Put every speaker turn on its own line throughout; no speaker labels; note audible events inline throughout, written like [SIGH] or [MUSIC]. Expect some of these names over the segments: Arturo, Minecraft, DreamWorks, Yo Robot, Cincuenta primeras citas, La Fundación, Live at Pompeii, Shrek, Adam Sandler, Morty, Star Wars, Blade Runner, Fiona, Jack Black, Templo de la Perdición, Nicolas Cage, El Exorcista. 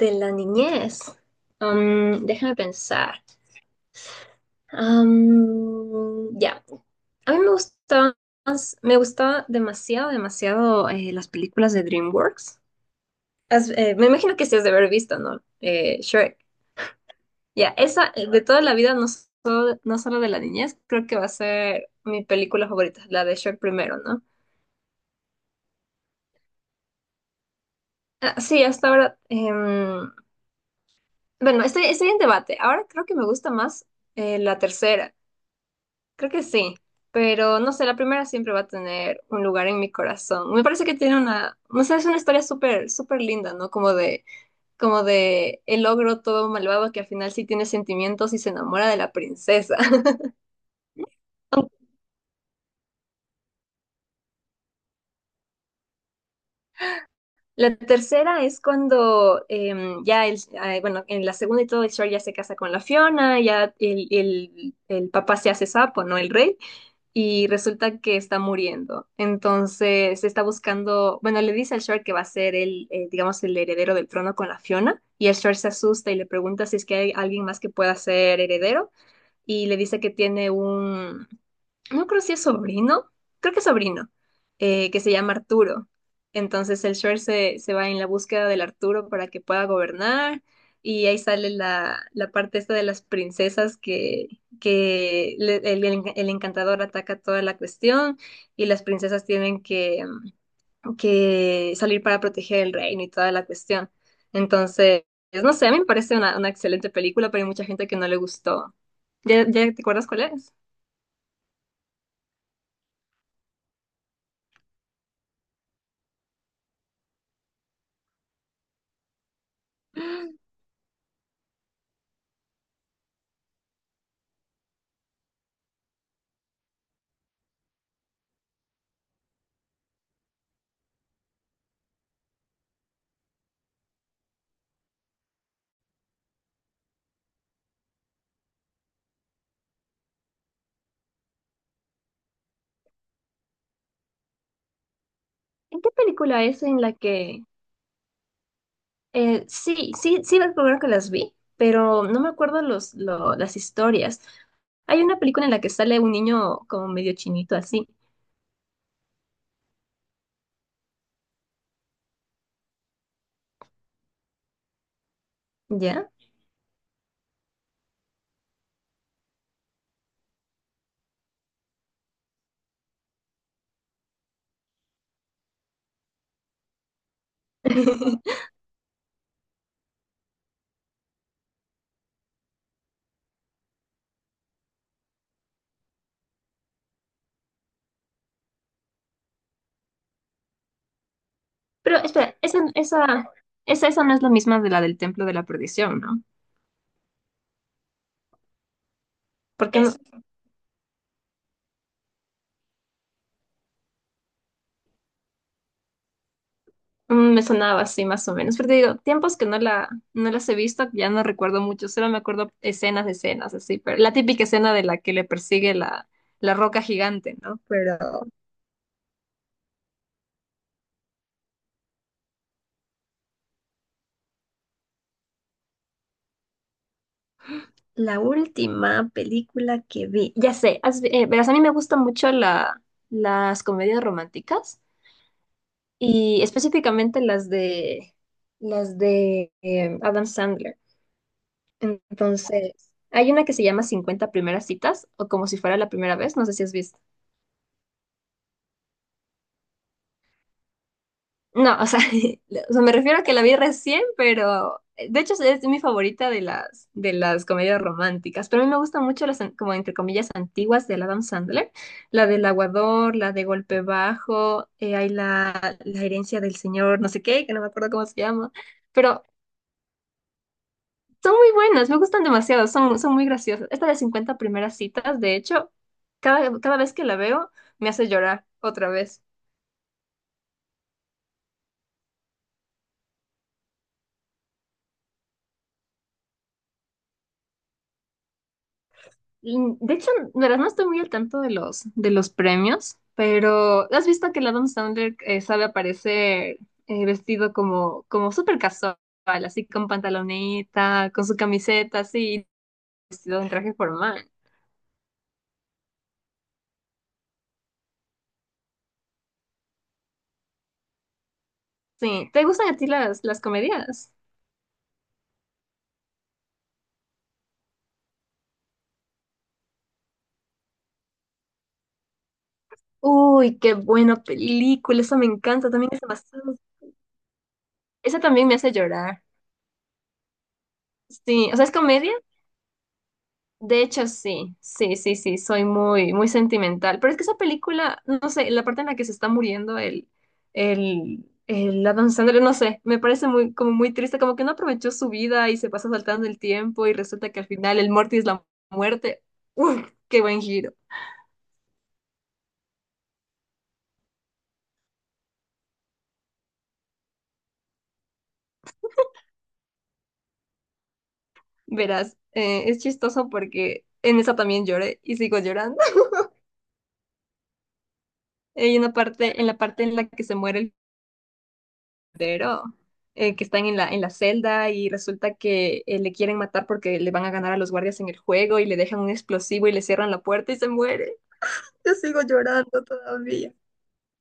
De la niñez. Déjame pensar. Am, ya. A mí me gustaban, me gustaba demasiado, demasiado, las películas de DreamWorks. Me imagino que sí has de haber visto, ¿no? Shrek. Ya, esa de toda la vida, no solo de la niñez, creo que va a ser mi película favorita, la de Shrek primero, ¿no? Ah, sí, hasta ahora. Bueno, estoy en debate. Ahora creo que me gusta más la tercera. Creo que sí, pero no sé, la primera siempre va a tener un lugar en mi corazón. Me parece que tiene una, no sé, es una historia súper, súper linda, ¿no? Como de el ogro todo malvado que al final sí tiene sentimientos y se enamora de la princesa. [LAUGHS] La tercera es cuando ya, bueno, en la segunda y todo, el Shrek ya se casa con la Fiona, ya el papá se hace sapo, ¿no? El rey. Y resulta que está muriendo. Entonces está buscando, bueno, le dice al Shark que va a ser el, digamos, el heredero del trono con la Fiona, y el Shark se asusta y le pregunta si es que hay alguien más que pueda ser heredero, y le dice que tiene un, no creo si es sobrino, creo que es sobrino, que se llama Arturo. Entonces el Shrek se va en la búsqueda del Arturo para que pueda gobernar y ahí sale la parte esta de las princesas que, el encantador ataca toda la cuestión y las princesas tienen que salir para proteger el reino y toda la cuestión. Entonces, no sé, a mí me parece una excelente película, pero hay mucha gente que no le gustó. ¿Ya, ya te acuerdas cuál es? ¿En qué película es en la que... sí, sí, sí, recuerdo que las vi, pero no me acuerdo las historias. Hay una película en la que sale un niño como medio chinito así, ¿ya? [LAUGHS] Pero espera, esa no es la misma de la del Templo de la Perdición, ¿no? Porque es, mm, me sonaba así más o menos. Pero te digo, tiempos que no no las he visto, ya no recuerdo mucho, solo me acuerdo escenas de escenas, así, pero la típica escena de la que le persigue la roca gigante, ¿no? Pero la última película que vi, ya sé, verás, a mí me gustan mucho las comedias románticas y específicamente las de Adam Sandler. Entonces, hay una que se llama Cincuenta primeras citas o como si fuera la primera vez, no sé si has visto. No, o sea, [LAUGHS] o sea, me refiero a que la vi recién, pero de hecho es mi favorita de de las comedias románticas. Pero a mí me gustan mucho como entre comillas, antiguas del Adam Sandler. La del aguador, la de golpe bajo, hay la, la herencia del señor, no sé qué, que no me acuerdo cómo se llama. Pero son muy buenas, me gustan demasiado, son, son muy graciosas. Esta de Cincuenta primeras citas, de hecho, cada vez que la veo me hace llorar otra vez. Mm, de hecho, la verdad no estoy muy al tanto de de los premios, pero ¿has visto que el Adam Sandler sabe aparecer vestido como, como súper casual, así con pantaloneta, con su camiseta, así, vestido en traje formal? Sí, ¿te gustan a ti las comedias? Uy, qué buena película, esa me encanta, también es demasiado. Esa también me hace llorar. Sí, o sea, es comedia. De hecho, sí, sí, sí, sí, soy muy, muy sentimental. Pero es que esa película, no sé, la parte en la que se está muriendo el Adam Sandler, no sé, me parece muy, como muy triste, como que no aprovechó su vida y se pasa saltando el tiempo y resulta que al final el Morty es la muerte. ¡Uf! ¡Qué buen giro! Verás, es chistoso porque en esa también lloré y sigo llorando. [LAUGHS] Hay una parte en la que se muere el pero, que están en en la celda y resulta que le quieren matar porque le van a ganar a los guardias en el juego y le dejan un explosivo y le cierran la puerta y se muere. Yo sigo llorando todavía.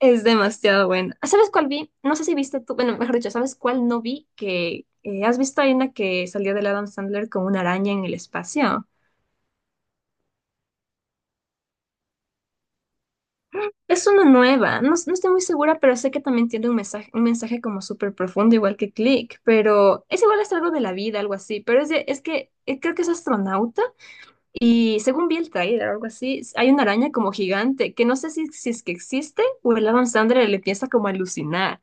Es demasiado bueno. ¿Sabes cuál vi? No sé si viste tú, bueno, mejor dicho, ¿sabes cuál no vi? Que has visto hay una que salió del Adam Sandler con una araña en el espacio. Es una nueva, no, no estoy muy segura, pero sé que también tiene un mensaje como súper profundo, igual que Click, pero es igual es algo de la vida, algo así, pero es que creo que es astronauta y según vi el trailer, algo así, hay una araña como gigante que no sé si, si es que existe o el Adam Sandler le empieza como a alucinar,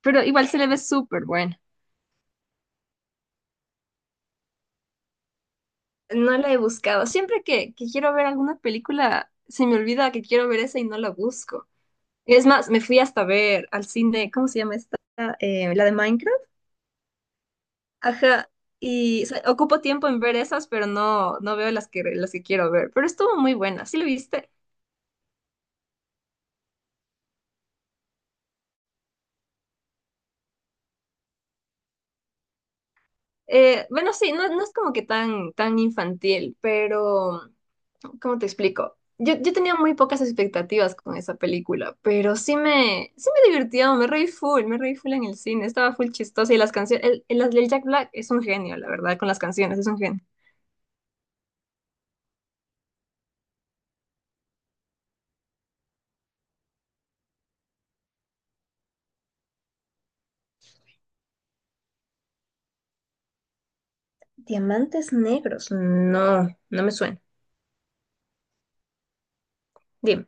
pero igual se le ve súper bueno. No la he buscado, siempre que quiero ver alguna película, se me olvida que quiero ver esa y no la busco. Es más, me fui hasta ver al cine, ¿cómo se llama esta? La de Minecraft. Ajá, y o sea, ocupo tiempo en ver esas, pero no, no veo las que quiero ver. Pero estuvo muy buena, ¿sí lo viste? Bueno, sí, no, no es como que tan, tan infantil, pero ¿cómo te explico? Yo tenía muy pocas expectativas con esa película, pero sí me divirtió, me reí full en el cine, estaba full chistosa y las canciones, el Jack Black es un genio, la verdad, con las canciones, es un genio. Diamantes negros, no, no me suena. Dime,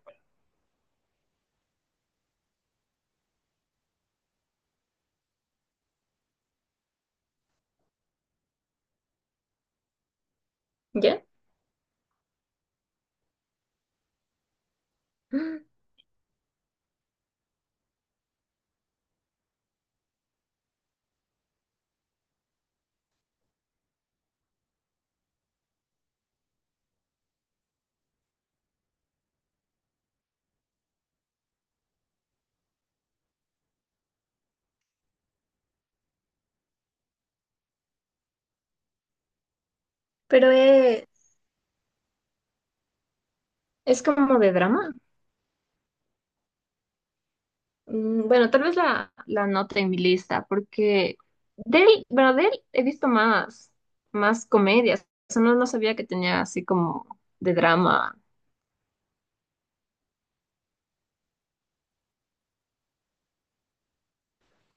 ¿ya? [GASPS] Pero es como de drama. Mm, bueno, tal vez la note en mi lista, porque de él, bueno, de él he visto más, más comedias. O sea, no, no sabía que tenía así como de drama.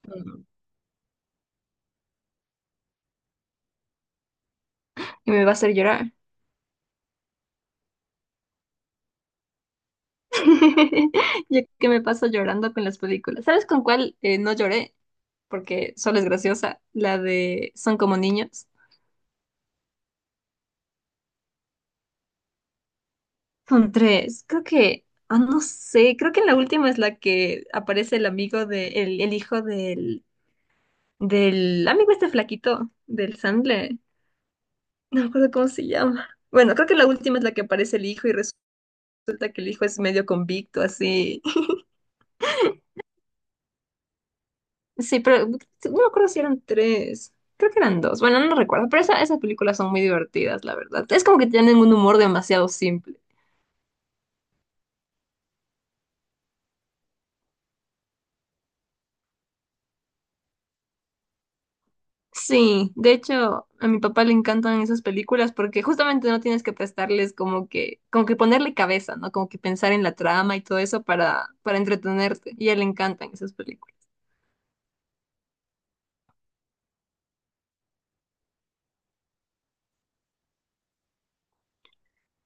Mm, y me va a hacer llorar. [LAUGHS] Yo que me paso llorando con las películas. ¿Sabes con cuál no lloré? Porque solo es graciosa. La de Son como niños. Son tres. Creo que, ah, no sé, creo que en la última es la que aparece el amigo de, el hijo del, del amigo este flaquito, del Sandler. [LAUGHS] No me acuerdo cómo se llama. Bueno, creo que la última es la que aparece el hijo y resulta que el hijo es medio convicto, así. [LAUGHS] Sí, pero no me acuerdo si eran tres. Creo que eran dos. Bueno, no recuerdo. Pero esa- esas películas son muy divertidas, la verdad. Es como que tienen un humor demasiado simple. Sí, de hecho, a mi papá le encantan esas películas porque justamente no tienes que prestarles como que ponerle cabeza, ¿no? Como que pensar en la trama y todo eso para entretenerte. Y a él le encantan esas películas.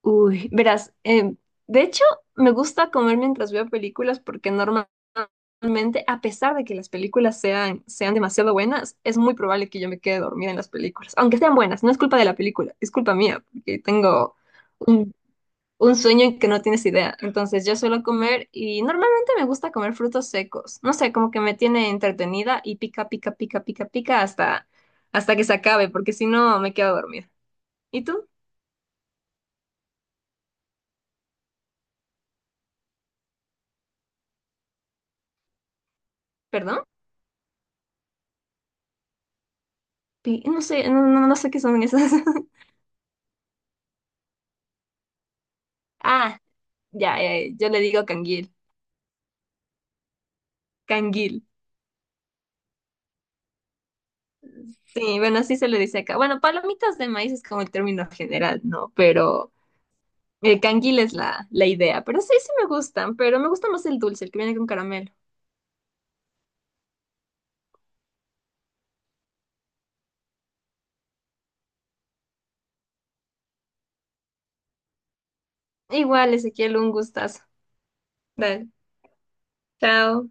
Uy, verás, de hecho me gusta comer mientras veo películas porque normalmente, a pesar de que las películas sean demasiado buenas, es muy probable que yo me quede dormida en las películas. Aunque sean buenas, no es culpa de la película, es culpa mía, porque tengo un, un sueño que no tienes idea. Entonces yo suelo comer y normalmente me gusta comer frutos secos. No sé, como que me tiene entretenida y pica, pica, pica, pica, pica hasta, hasta que se acabe, porque si no me quedo dormida. ¿Y tú? ¿Perdón? Pi- No sé, no, no, no sé qué son esas. [LAUGHS] Ah, ya, ya, yo le digo canguil. Canguil. Sí, bueno, así se le dice acá. Bueno, palomitas de maíz es como el término general, ¿no? Pero el canguil es la idea. Pero sí, sí me gustan, pero me gusta más el dulce, el que viene con caramelo. Igual, Ezequiel, un gustazo. Dale, chao.